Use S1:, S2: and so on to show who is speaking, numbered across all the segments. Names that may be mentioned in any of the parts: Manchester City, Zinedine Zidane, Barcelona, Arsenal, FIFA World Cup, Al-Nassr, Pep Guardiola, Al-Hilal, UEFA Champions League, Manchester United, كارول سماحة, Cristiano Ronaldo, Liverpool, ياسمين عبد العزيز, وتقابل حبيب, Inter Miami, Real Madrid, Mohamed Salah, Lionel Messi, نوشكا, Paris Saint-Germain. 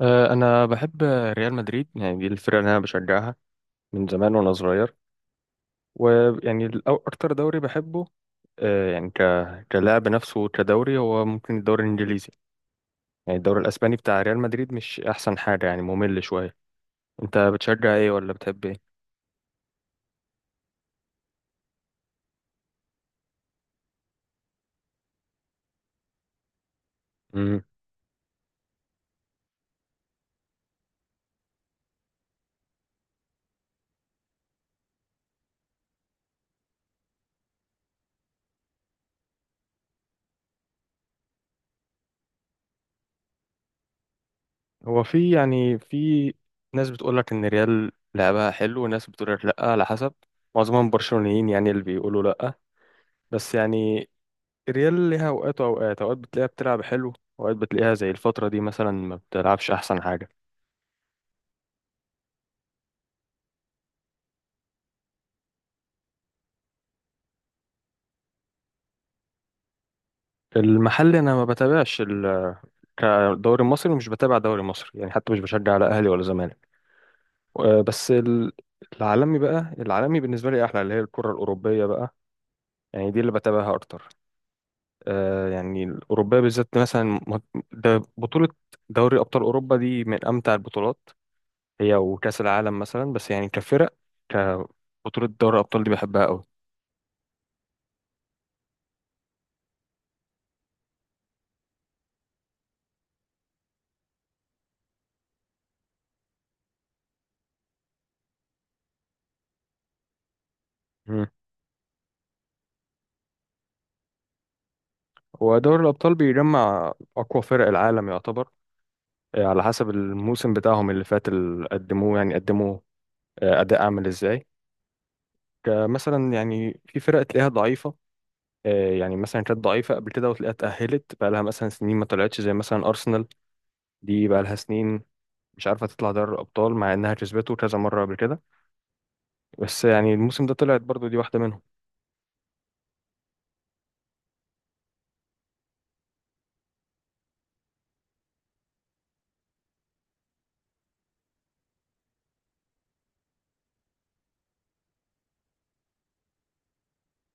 S1: انا بحب ريال مدريد، يعني دي الفرقه اللي انا بشجعها من زمان وانا صغير. ويعني اكتر دوري بحبه، يعني كلاعب نفسه. كدوري هو ممكن الدوري الانجليزي، يعني الدوري الاسباني بتاع ريال مدريد مش احسن حاجه، يعني ممل شويه. انت بتشجع ايه ولا بتحب ايه؟ هو في، يعني في ناس بتقول لك ان ريال لعبها حلو وناس بتقول لك لا، على حسب. معظمهم برشلونيين، يعني اللي بيقولوا لا. بس يعني ريال ليها اوقات، واوقات بتلاقيها بتلعب حلو، اوقات بتلاقيها زي الفترة دي مثلا ما بتلعبش احسن حاجة. المحل انا ما بتابعش كدوري المصري، ومش بتابع دوري مصري، يعني حتى مش بشجع لا اهلي ولا زمالك. و- بس ال- العالمي بقى، العالمي بالنسبة لي احلى، اللي هي الكرة الاوروبية بقى، يعني دي اللي بتابعها اكتر. يعني الأوروبية بالذات مثلا، ده بطولة دوري أبطال أوروبا دي من أمتع البطولات، هي وكأس العالم مثلا. بس يعني كفرق، كبطولة دوري الأبطال دي بحبها أوي. مم. ودوري الأبطال بيجمع أقوى فرق العالم يعتبر، على حسب الموسم بتاعهم اللي فات اللي قدموه، يعني قدموا أداء عامل إزاي. كمثلا يعني في فرق تلاقيها ضعيفة، يعني مثلا كانت ضعيفة قبل كده وتلاقيها اتأهلت، بقى لها مثلا سنين ما طلعتش، زي مثلا أرسنال. دي بقى لها سنين مش عارفة تطلع دوري الأبطال، مع إنها كسبته كذا مرة قبل كده. بس يعني الموسم ده طلعت برضو، دي واحدة منهم.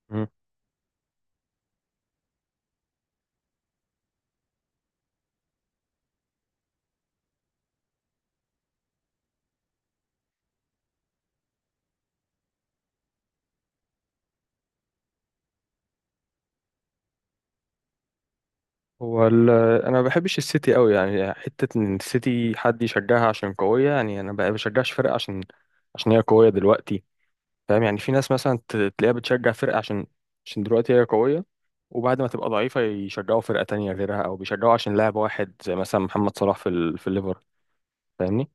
S1: مم. هو ال- أنا ما بحبش السيتي قوي، يعني حتة إن السيتي حد يشجعها عشان قوية، يعني أنا ما بشجعش فرقة عشان هي قوية دلوقتي. فاهم؟ يعني في ناس مثلا تلاقيها بتشجع فرقة عشان دلوقتي هي قوية، وبعد ما تبقى ضعيفة يشجعوا فرقة تانية غيرها، أو بيشجعوا عشان لاعب واحد زي مثلا محمد صلاح في الليفر. فاهمني؟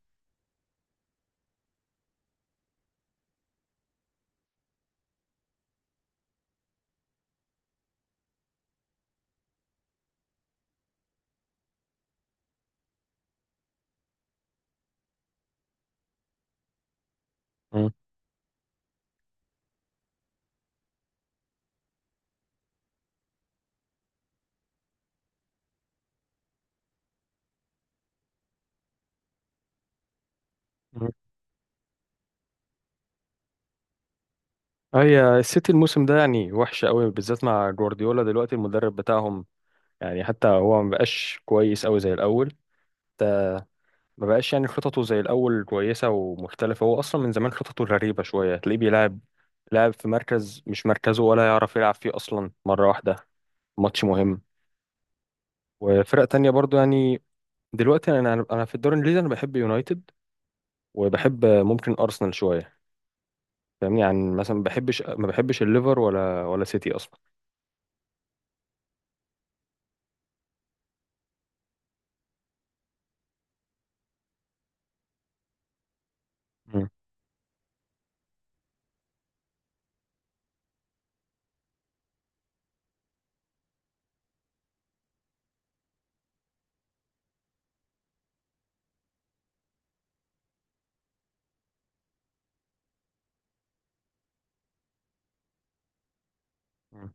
S1: اه، هي السيتي الموسم ده يعني وحش قوي، بالذات مع جوارديولا دلوقتي المدرب بتاعهم. يعني حتى هو ما بقاش كويس قوي زي الاول، ما بقاش يعني خططه زي الاول كويسه ومختلفه. هو اصلا من زمان خططه غريبه شويه، تلاقيه بيلعب لاعب في مركز مش مركزه ولا يعرف يلعب فيه اصلا، مره واحده ماتش مهم. وفرق تانية برضو يعني. دلوقتي انا في الدوري الانجليزي انا بحب يونايتد، وبحب ممكن ارسنال شويه. فاهمني؟ يعني مثلا ما بحبش الليفر ولا سيتي اصلا. مم. مم.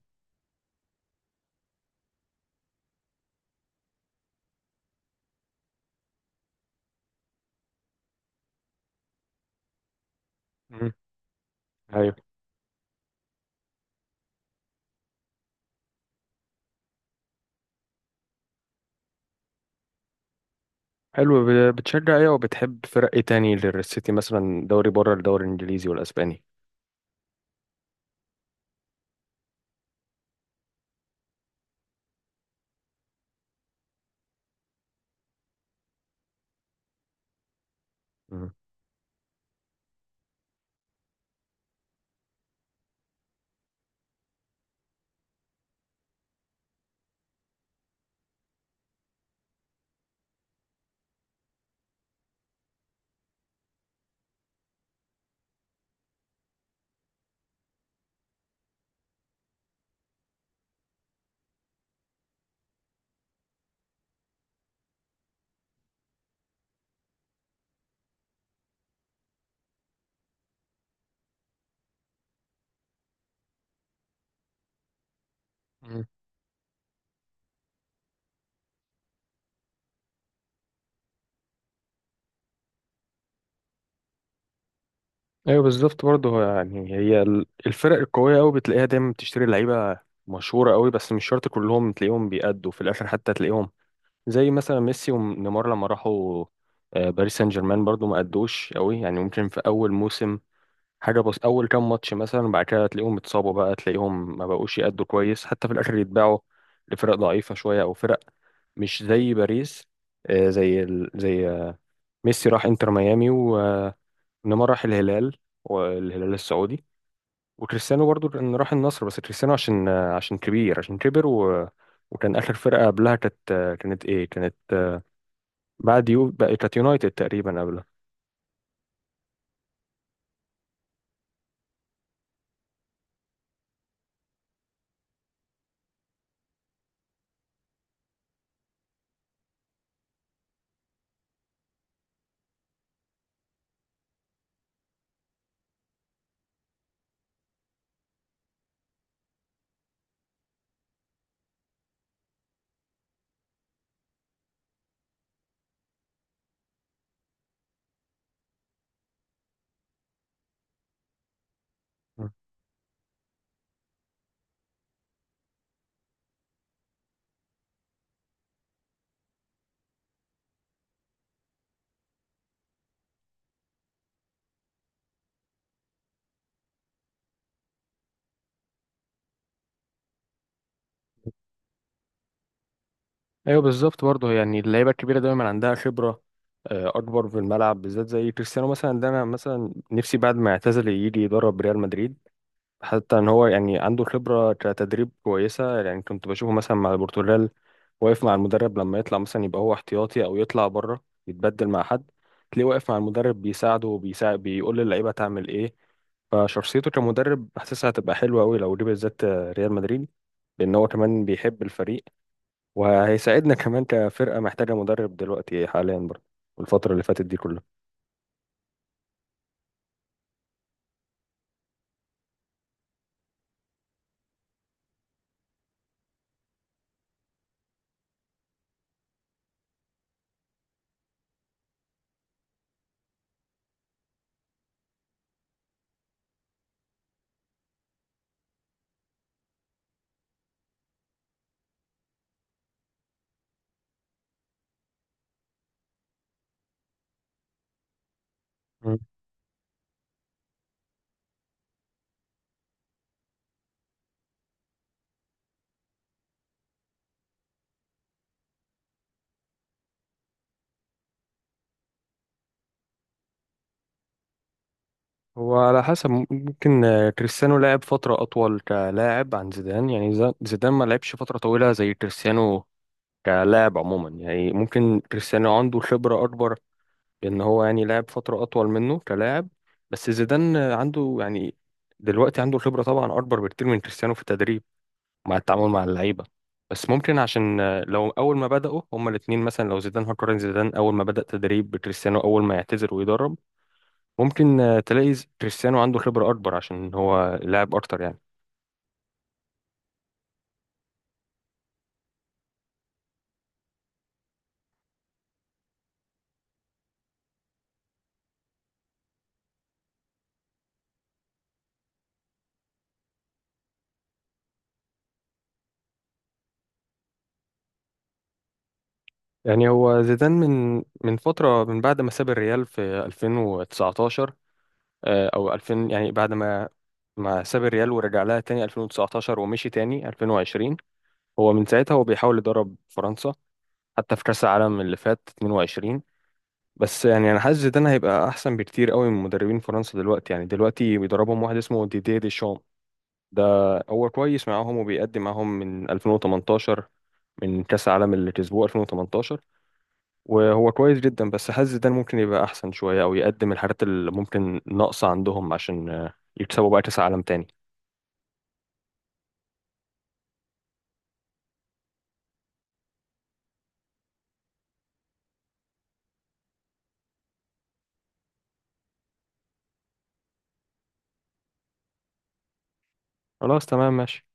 S1: مم. ايوه. حلو، بتشجع ايه وبتحب فرق ايه تاني غير السيتي، مثلا دوري بره الدوري الانجليزي والاسباني؟ مم. مم. ايوه، بالظبط برضه. هو يعني الفرق القويه قوي بتلاقيها دايما بتشتري لعيبه مشهوره قوي، بس مش شرط كلهم تلاقيهم بيأدوا في الاخر، حتى تلاقيهم زي مثلا ميسي ونيمار لما راحوا باريس سان جيرمان برضه ما أدوش قوي. يعني ممكن في اول موسم حاجة، بس أول كام ماتش مثلا، بعد كده تلاقيهم اتصابوا بقى، تلاقيهم ما بقوش يأدوا كويس، حتى في الآخر يتباعوا لفرق ضعيفة شوية أو فرق مش زي باريس. زي، ميسي راح انتر ميامي، ونيمار راح الهلال، والهلال السعودي. وكريستيانو برضو إن راح النصر، بس كريستيانو عشان كبير، عشان كبر وكان آخر فرقة قبلها كانت، كانت إيه، كانت، بعد بقى كانت يونايتد تقريبا قبلها. ايوه، بالظبط برضه، يعني اللعيبه الكبيره دايما عندها خبره اكبر في الملعب، بالذات زي كريستيانو مثلا. ده انا مثلا نفسي بعد ما يعتزل يجي يدرب ريال مدريد، حتى ان هو يعني عنده خبره كتدريب كويسه. يعني كنت بشوفه مثلا مع البرتغال واقف مع المدرب، لما يطلع مثلا يبقى هو احتياطي او يطلع بره يتبدل مع حد، تلاقيه واقف مع المدرب بيساعده، وبيساعد بيقول للعيبه تعمل ايه. فشخصيته كمدرب حاسسها هتبقى حلوه قوي لو جه بالذات ريال مدريد، لان هو كمان بيحب الفريق، وهيساعدنا كمان كفرقة محتاجة مدرب دلوقتي حاليا برضه، الفترة اللي فاتت دي كلها. مم. هو على حسب، ممكن كريستيانو لعب فترة أطول كلاعب عن زيدان، يعني زيدان ما لعبش فترة طويلة زي كريستيانو كلاعب عموما. يعني ممكن كريستيانو عنده خبرة أكبر، إن هو يعني لعب فترة أطول منه كلاعب. بس زيدان عنده، يعني دلوقتي عنده خبرة طبعا أكبر بكتير من كريستيانو في التدريب، مع التعامل مع اللعيبه. بس ممكن عشان لو اول ما بداوا هما الاثنين مثلا، لو زيدان، هقارن زيدان اول ما بدا تدريب بكريستيانو اول ما يعتزل ويدرب، ممكن تلاقي كريستيانو عنده خبره اكبر عشان هو لاعب اكتر يعني. يعني هو زيدان من فتره، من بعد ما ساب الريال في 2019، او 2000، يعني بعد ما ساب الريال ورجع لها تاني 2019 ومشي تاني 2020. هو من ساعتها هو بيحاول يدرب فرنسا، حتى في كأس العالم اللي فات 22. بس يعني انا حاسس زيدان هيبقى احسن بكتير قوي من مدربين فرنسا دلوقتي، يعني دلوقتي بيدربهم واحد اسمه ديديه ديشام. ده هو كويس معاهم وبيقدم معاهم من 2018، من كاس العالم اللي كسبوه 2018، وهو كويس جدا. بس حاسس زيدان ممكن يبقى احسن شويه او يقدم الحاجات اللي ممكن ناقصه عندهم عشان يكسبوا بقى كاس عالم تاني. خلاص، تمام، ماشي.